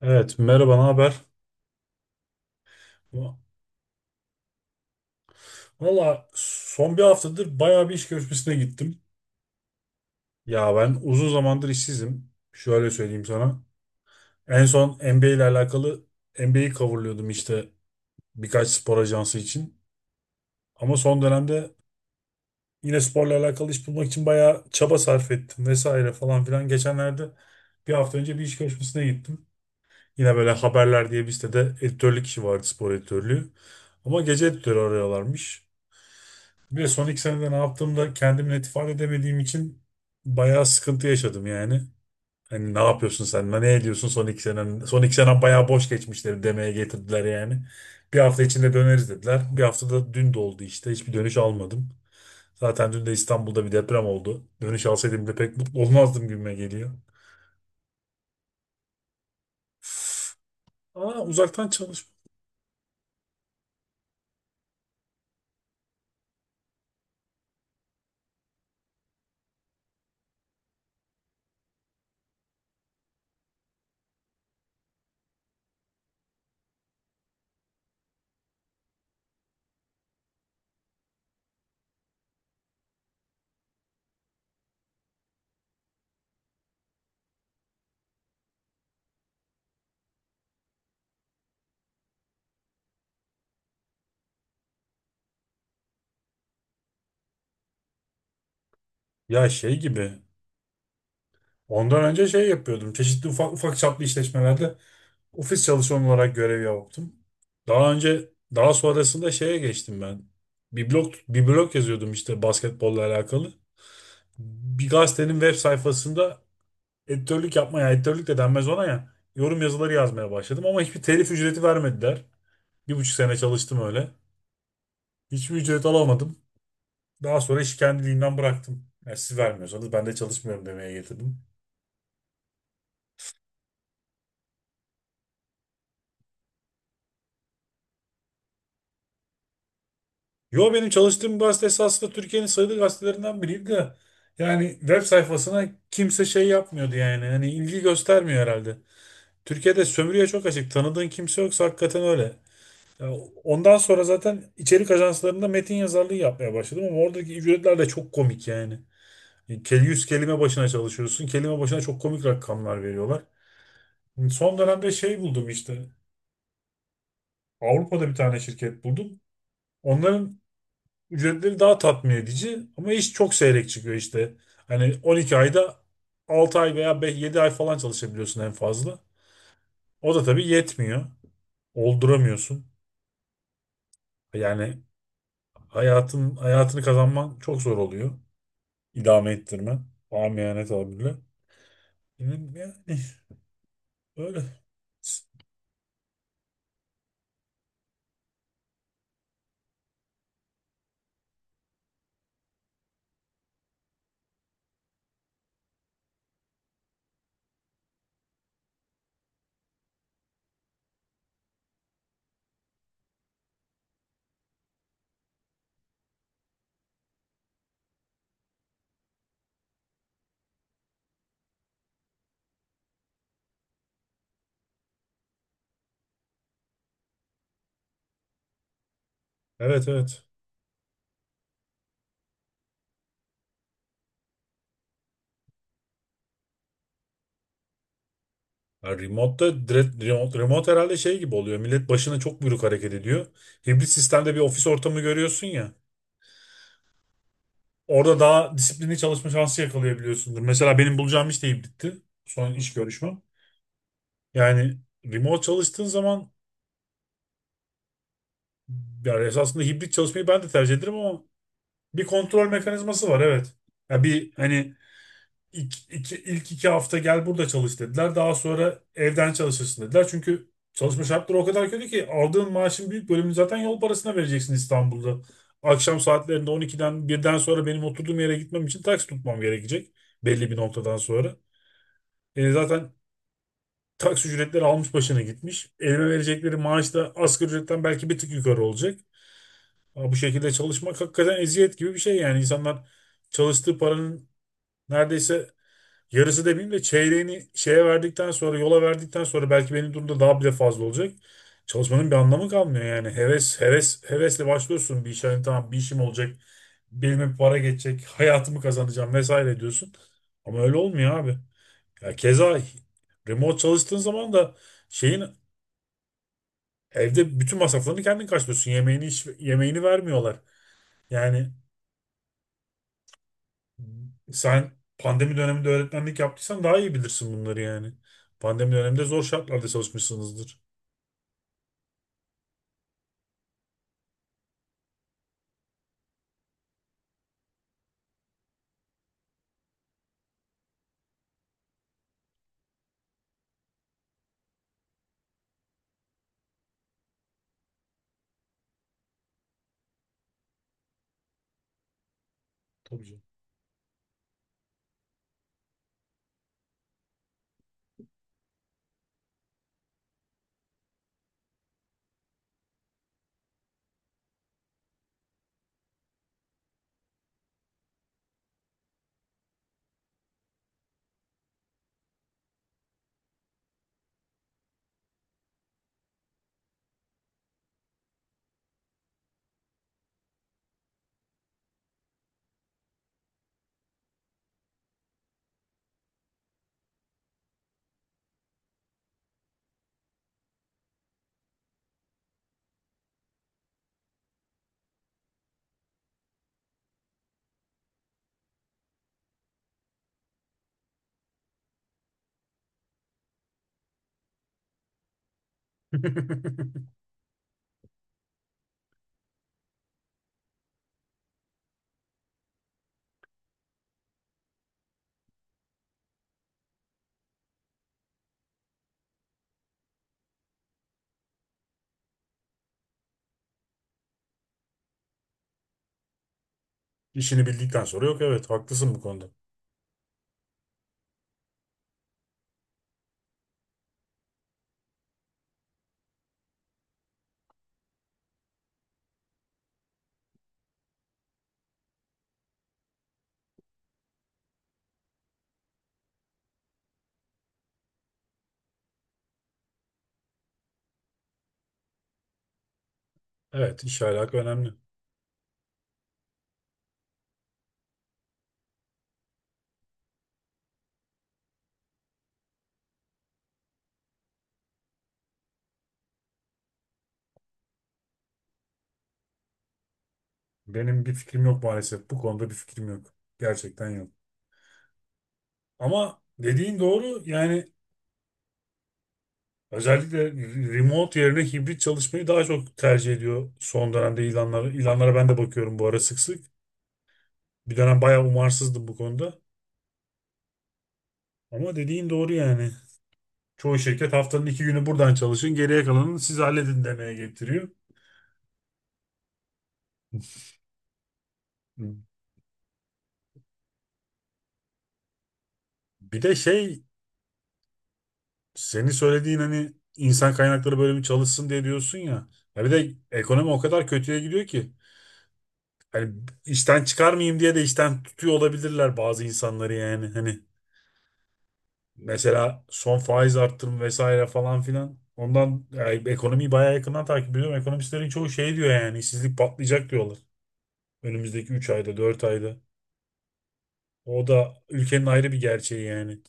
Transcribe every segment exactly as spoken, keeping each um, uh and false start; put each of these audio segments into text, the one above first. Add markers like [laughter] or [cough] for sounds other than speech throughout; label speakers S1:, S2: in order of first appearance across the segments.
S1: Evet, merhaba, ne haber? Valla son bir haftadır bayağı bir iş görüşmesine gittim. Ya ben uzun zamandır işsizim. Şöyle söyleyeyim sana. En son N B A ile alakalı N B A'yi coverlıyordum işte birkaç spor ajansı için. Ama son dönemde yine sporla alakalı iş bulmak için bayağı çaba sarf ettim vesaire falan filan. Geçenlerde bir hafta önce bir iş görüşmesine gittim. Yine böyle haberler diye bir sitede editörlük işi vardı, spor editörlüğü. Ama gece editörü arıyorlarmış. Bir de son iki senede ne yaptığımda kendimi net ifade edemediğim için bayağı sıkıntı yaşadım yani. Hani ne yapıyorsun sen? Ne ediyorsun son iki senen? Son iki senen bayağı boş geçmişleri demeye getirdiler yani. Bir hafta içinde döneriz dediler. Bir haftada dün de oldu işte. Hiçbir dönüş almadım. Zaten dün de İstanbul'da bir deprem oldu. Dönüş alsaydım bile pek mutlu olmazdım gibime geliyor. Üf. Aa, uzaktan çalış. Ya şey gibi. Ondan önce şey yapıyordum. Çeşitli ufak ufak çaplı işletmelerde ofis çalışanı olarak görev yaptım. Daha önce daha sonrasında şeye geçtim ben. Bir blog bir blog yazıyordum işte basketbolla alakalı. Bir gazetenin web sayfasında editörlük yapmaya, yani editörlük de denmez ona ya. Yorum yazıları yazmaya başladım ama hiçbir telif ücreti vermediler. Bir buçuk sene çalıştım öyle. Hiçbir ücret alamadım. Daha sonra işi kendiliğinden bıraktım. Yani siz vermiyorsanız ben de çalışmıyorum demeye getirdim. Yo, benim çalıştığım gazete esasında Türkiye'nin sayılı gazetelerinden biriydi de. Yani web sayfasına kimse şey yapmıyordu yani. Hani ilgi göstermiyor herhalde. Türkiye'de sömürüye çok açık. Tanıdığın kimse yoksa hakikaten öyle. Ya, ondan sonra zaten içerik ajanslarında metin yazarlığı yapmaya başladım ama oradaki ücretler de çok komik yani. Kel- yüz kelime başına çalışıyorsun. Kelime başına çok komik rakamlar veriyorlar. Son dönemde şey buldum işte. Avrupa'da bir tane şirket buldum. Onların ücretleri daha tatmin edici ama iş çok seyrek çıkıyor işte. Hani on iki ayda altı ay veya yedi ay falan çalışabiliyorsun en fazla. O da tabii yetmiyor. Olduramıyorsun. Yani hayatın hayatını kazanman çok zor oluyor. İdame ettirmen. Amiyane tabirle. Yani yani öyle. Evet, evet. Ya remote'da direkt, remote, remote herhalde şey gibi oluyor. Millet başına çok buyruk hareket ediyor. Hibrit sistemde bir ofis ortamı görüyorsun ya. Orada daha disiplinli çalışma şansı yakalayabiliyorsundur. Mesela benim bulacağım iş deyip bitti. Son iş görüşmem. Yani remote çalıştığın zaman, yani esasında hibrit çalışmayı ben de tercih ederim ama bir kontrol mekanizması var, evet. Ya bir hani, ilk iki, ilk iki hafta gel burada çalış dediler. Daha sonra evden çalışırsın dediler. Çünkü çalışma şartları o kadar kötü ki aldığın maaşın büyük bölümünü zaten yol parasına vereceksin İstanbul'da. Akşam saatlerinde on ikiden birden sonra benim oturduğum yere gitmem için taksi tutmam gerekecek belli bir noktadan sonra. E, zaten taksi ücretleri almış başına gitmiş. Elime verecekleri maaş da asgari ücretten belki bir tık yukarı olacak. Ama bu şekilde çalışmak hakikaten eziyet gibi bir şey yani. İnsanlar çalıştığı paranın neredeyse yarısı demeyeyim de çeyreğini şeye verdikten sonra, yola verdikten sonra, belki benim durumda daha bile fazla olacak. Çalışmanın bir anlamı kalmıyor yani. Heves, heves, hevesle başlıyorsun bir işe. Hani tamam, bir işim olacak, belime bir para geçecek, hayatımı kazanacağım vesaire diyorsun. Ama öyle olmuyor abi. Ya keza remote çalıştığın zaman da şeyin, evde bütün masraflarını kendin karşılıyorsun. Yemeğini hiç, yemeğini vermiyorlar. Yani sen pandemi döneminde öğretmenlik yaptıysan daha iyi bilirsin bunları yani. Pandemi döneminde zor şartlarda çalışmışsınızdır. Tabii canım. [laughs] İşini bildikten sonra yok, evet, haklısın bu konuda. Evet, iş alaka önemli. Benim bir fikrim yok maalesef. Bu konuda bir fikrim yok. Gerçekten yok. Ama dediğin doğru yani. Özellikle remote yerine hibrit çalışmayı daha çok tercih ediyor son dönemde ilanlara. İlanlara ben de bakıyorum bu ara sık sık. Bir dönem bayağı umarsızdım bu konuda. Ama dediğin doğru yani. Çoğu şirket haftanın iki günü buradan çalışın, geriye kalanını siz halledin demeye getiriyor. Bir de şey, senin söylediğin, hani insan kaynakları bölümü çalışsın diye diyorsun ya. Ya bir de ekonomi o kadar kötüye gidiyor ki. Hani işten çıkarmayayım diye de işten tutuyor olabilirler bazı insanları yani. Hani mesela son faiz arttırım vesaire falan filan. Ondan yani ekonomiyi bayağı yakından takip ediyorum. Ekonomistlerin çoğu şey diyor yani, işsizlik patlayacak diyorlar. Önümüzdeki üç ayda, dört ayda. O da ülkenin ayrı bir gerçeği yani.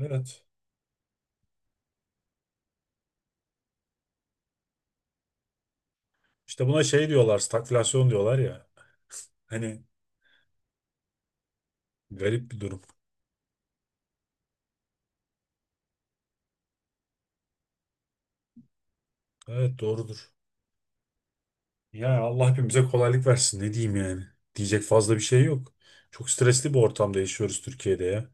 S1: Evet. İşte buna şey diyorlar, stagflasyon diyorlar ya. Hani garip bir durum. Evet, doğrudur. Ya Allah hepimize kolaylık versin, ne diyeyim yani. Diyecek fazla bir şey yok. Çok stresli bir ortamda yaşıyoruz Türkiye'de ya.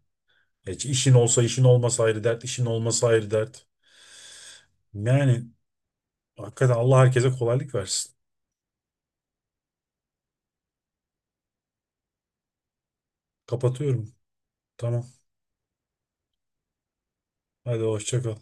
S1: Hiç işin olsa işin olmasa ayrı dert, işin olmasa ayrı dert. Yani hakikaten Allah herkese kolaylık versin. Kapatıyorum. Tamam. Hadi hoşça kal.